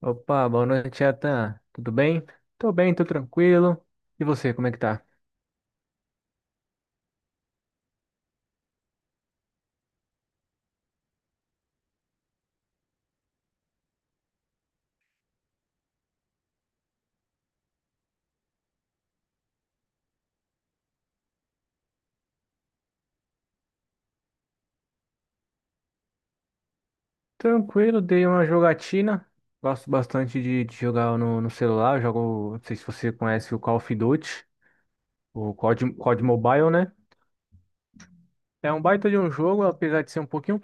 Opa, boa noite, Atan. Tudo bem? Tô bem, tô tranquilo. E você, como é que tá? Tranquilo, dei uma jogatina. Gosto bastante de jogar no celular. Eu jogo, não sei se você conhece o Call of Duty, o COD Mobile, né? É um baita de um jogo, apesar de ser um pouquinho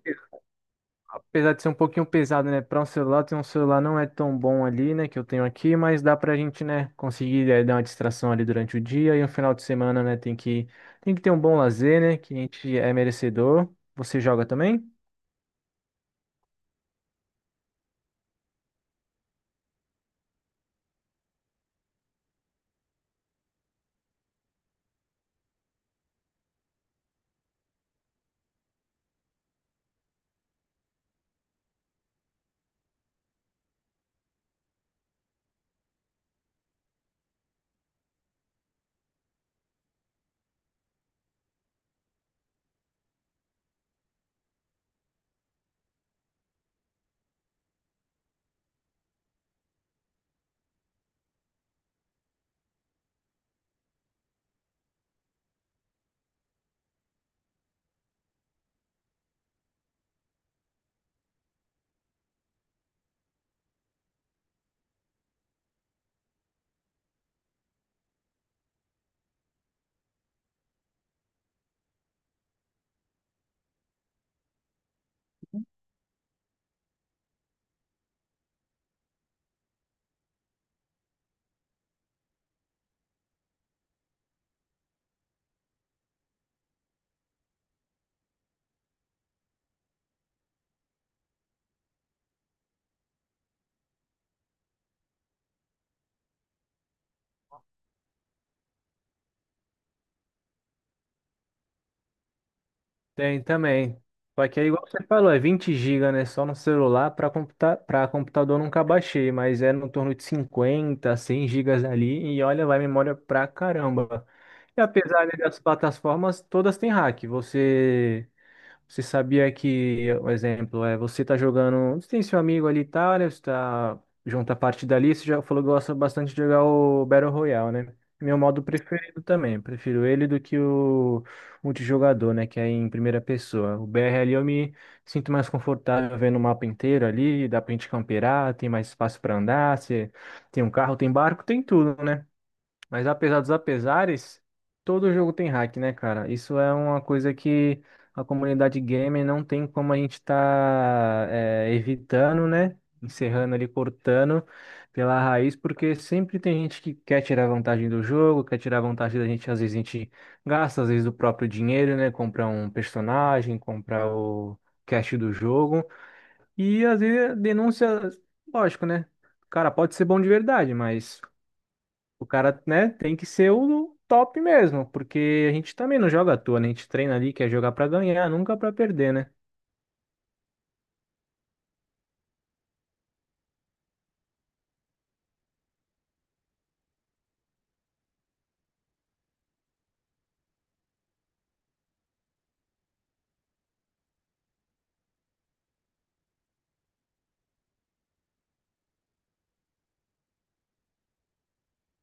Apesar de ser um pouquinho pesado, né? Para um celular, tem um celular não é tão bom ali, né? Que eu tenho aqui, mas dá pra gente, né? Conseguir dar uma distração ali durante o dia e no final de semana, né? Tem que ter um bom lazer, né? Que a gente é merecedor. Você joga também? Tem também. Só que é igual você falou, é 20 GB, né? Só no celular para computador eu nunca baixei, mas é no torno de 50 100 gigas ali e olha, vai memória pra caramba. E apesar né, das plataformas, todas têm hack. Você sabia que, um exemplo, é você tá jogando. Você tem seu amigo ali e tal, né? Você tá junto à partida ali. Você já falou que gosta bastante de jogar o Battle Royale, né? Meu modo preferido também. Prefiro ele do que o multijogador, né? Que é em primeira pessoa. O BR ali eu me sinto mais confortável vendo o mapa inteiro ali. Dá pra gente camperar, tem mais espaço pra andar. Você tem um carro, tem barco, tem tudo, né? Mas apesar dos apesares, todo jogo tem hack, né, cara? Isso é uma coisa que a comunidade gamer não tem como a gente tá evitando, né? Encerrando ali, cortando pela raiz, porque sempre tem gente que quer tirar vantagem do jogo, quer tirar vantagem da gente. Às vezes a gente gasta, às vezes, o próprio dinheiro, né? Comprar um personagem, comprar o cash do jogo. E às vezes denúncia, lógico, né? Cara, pode ser bom de verdade, mas. O cara, né, tem que ser o top mesmo, porque a gente também não joga à toa, né? A gente treina ali, quer jogar pra ganhar, nunca pra perder, né?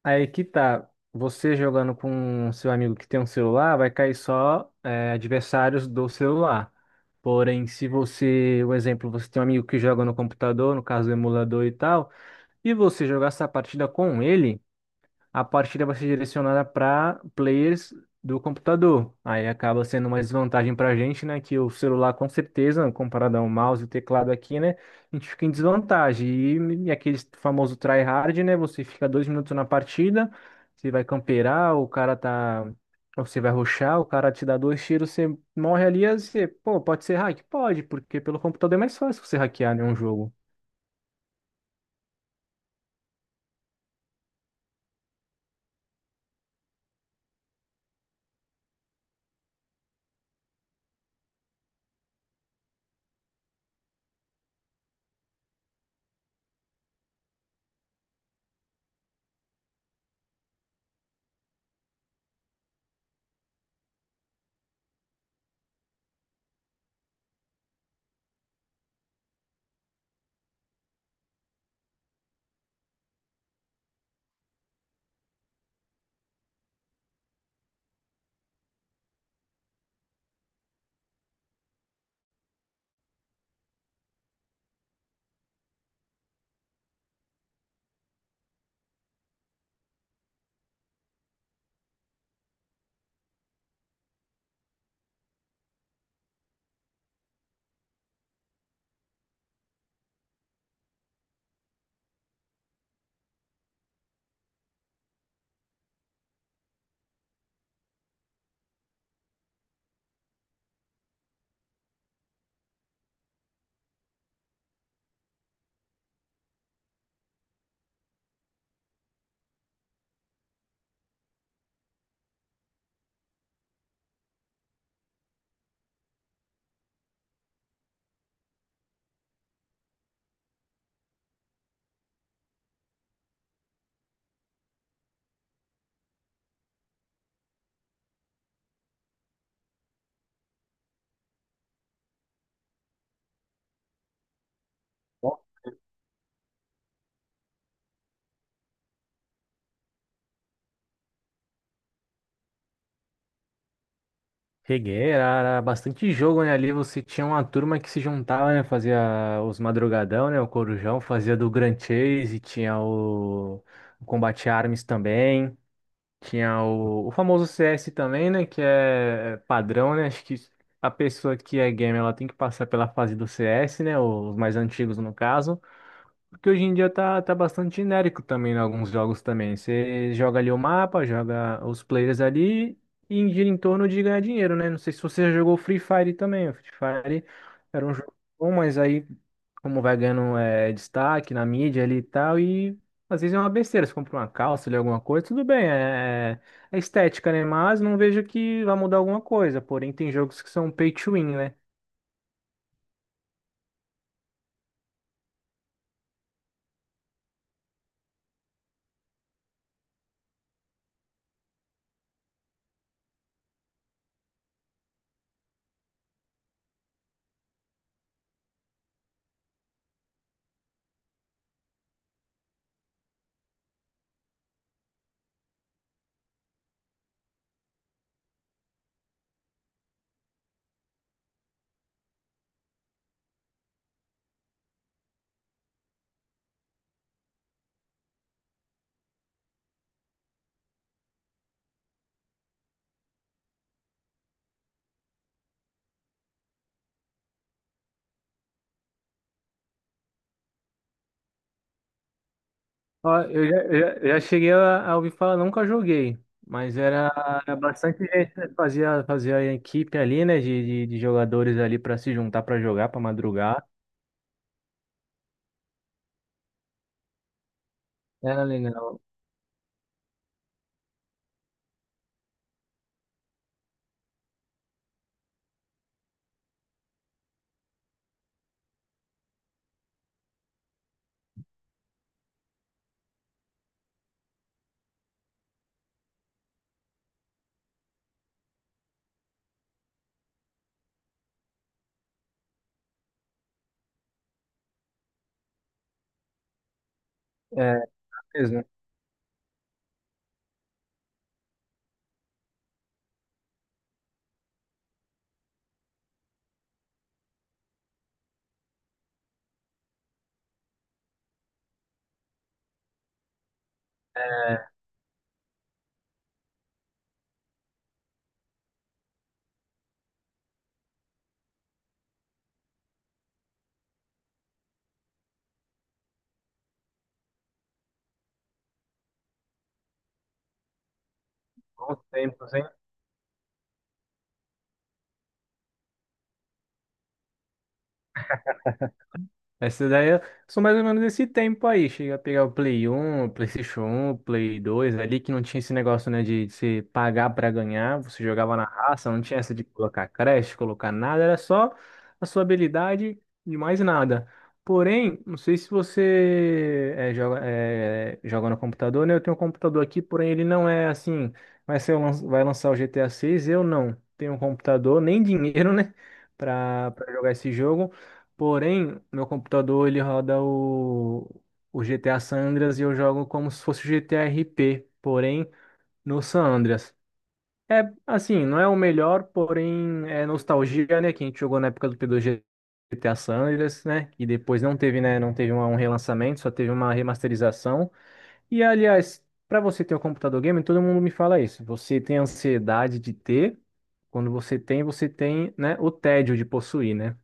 Aí que tá, você jogando com seu amigo que tem um celular, vai cair só é, adversários do celular. Porém, se você, um exemplo, você tem um amigo que joga no computador, no caso do emulador e tal, e você jogar essa partida com ele. A partida vai ser direcionada para players do computador. Aí acaba sendo uma desvantagem para a gente, né? Que o celular, com certeza, comparado ao mouse e teclado aqui, né? A gente fica em desvantagem. E aquele famoso tryhard, né? Você fica 2 minutos na partida, você vai camperar, o cara tá. Ou você vai rushar, o cara te dá 2 tiros, você morre ali, aí você, pô, pode ser hack? Pode, porque pelo computador é mais fácil você hackear, né, um jogo. Cheguei, era bastante jogo, né? Ali você tinha uma turma que se juntava, né? Fazia os madrugadão, né? O Corujão fazia do Grand Chase, tinha o Combate Arms também, tinha o famoso CS também, né? Que é padrão, né? Acho que a pessoa que é gamer, ela tem que passar pela fase do CS, né? Os mais antigos, no caso. Porque hoje em dia tá bastante genérico também em alguns jogos também. Você joga ali o mapa, joga os players ali e gira em torno de ganhar dinheiro, né? Não sei se você já jogou Free Fire também. O Free Fire era um jogo bom, mas aí como vai ganhando destaque na mídia ali e tal, e às vezes é uma besteira. Você compra uma calça ali, alguma coisa, tudo bem, é estética, né? Mas não vejo que vai mudar alguma coisa. Porém, tem jogos que são pay to win, né? Ó, eu já cheguei a ouvir falar, nunca joguei, mas era bastante gente, né? Fazia a equipe ali, né, de jogadores ali para se juntar para jogar, para madrugar. Era legal. É, mesmo. É, bons tempos, hein? Essa daí eu sou mais ou menos desse tempo aí. Chega a pegar o Play 1, PlayStation 1, Play 2, ali que não tinha esse negócio, né, de se pagar pra ganhar. Você jogava na raça, não tinha essa de colocar creche, colocar nada, era só a sua habilidade e mais nada. Porém, não sei se você joga no computador, né? Eu tenho um computador aqui, porém ele não é assim. Vai lançar o GTA 6, eu não tenho um computador, nem dinheiro, né, pra jogar esse jogo. Porém, meu computador ele roda o GTA San Andreas e eu jogo como se fosse o GTA RP, porém no San Andreas. É assim, não é o melhor, porém é nostalgia, né? Que a gente jogou na época do P2 GTA San Andreas, né? Que depois não teve, né? Não teve um relançamento, só teve uma remasterização. E aliás, para você ter um computador game, todo mundo me fala isso. Você tem ansiedade de ter. Quando você tem, né, o tédio de possuir, né?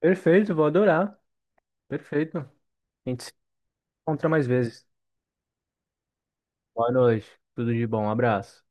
Perfeito, vou adorar. Perfeito. A gente se encontra mais vezes. Boa noite. Tudo de bom. Um abraço.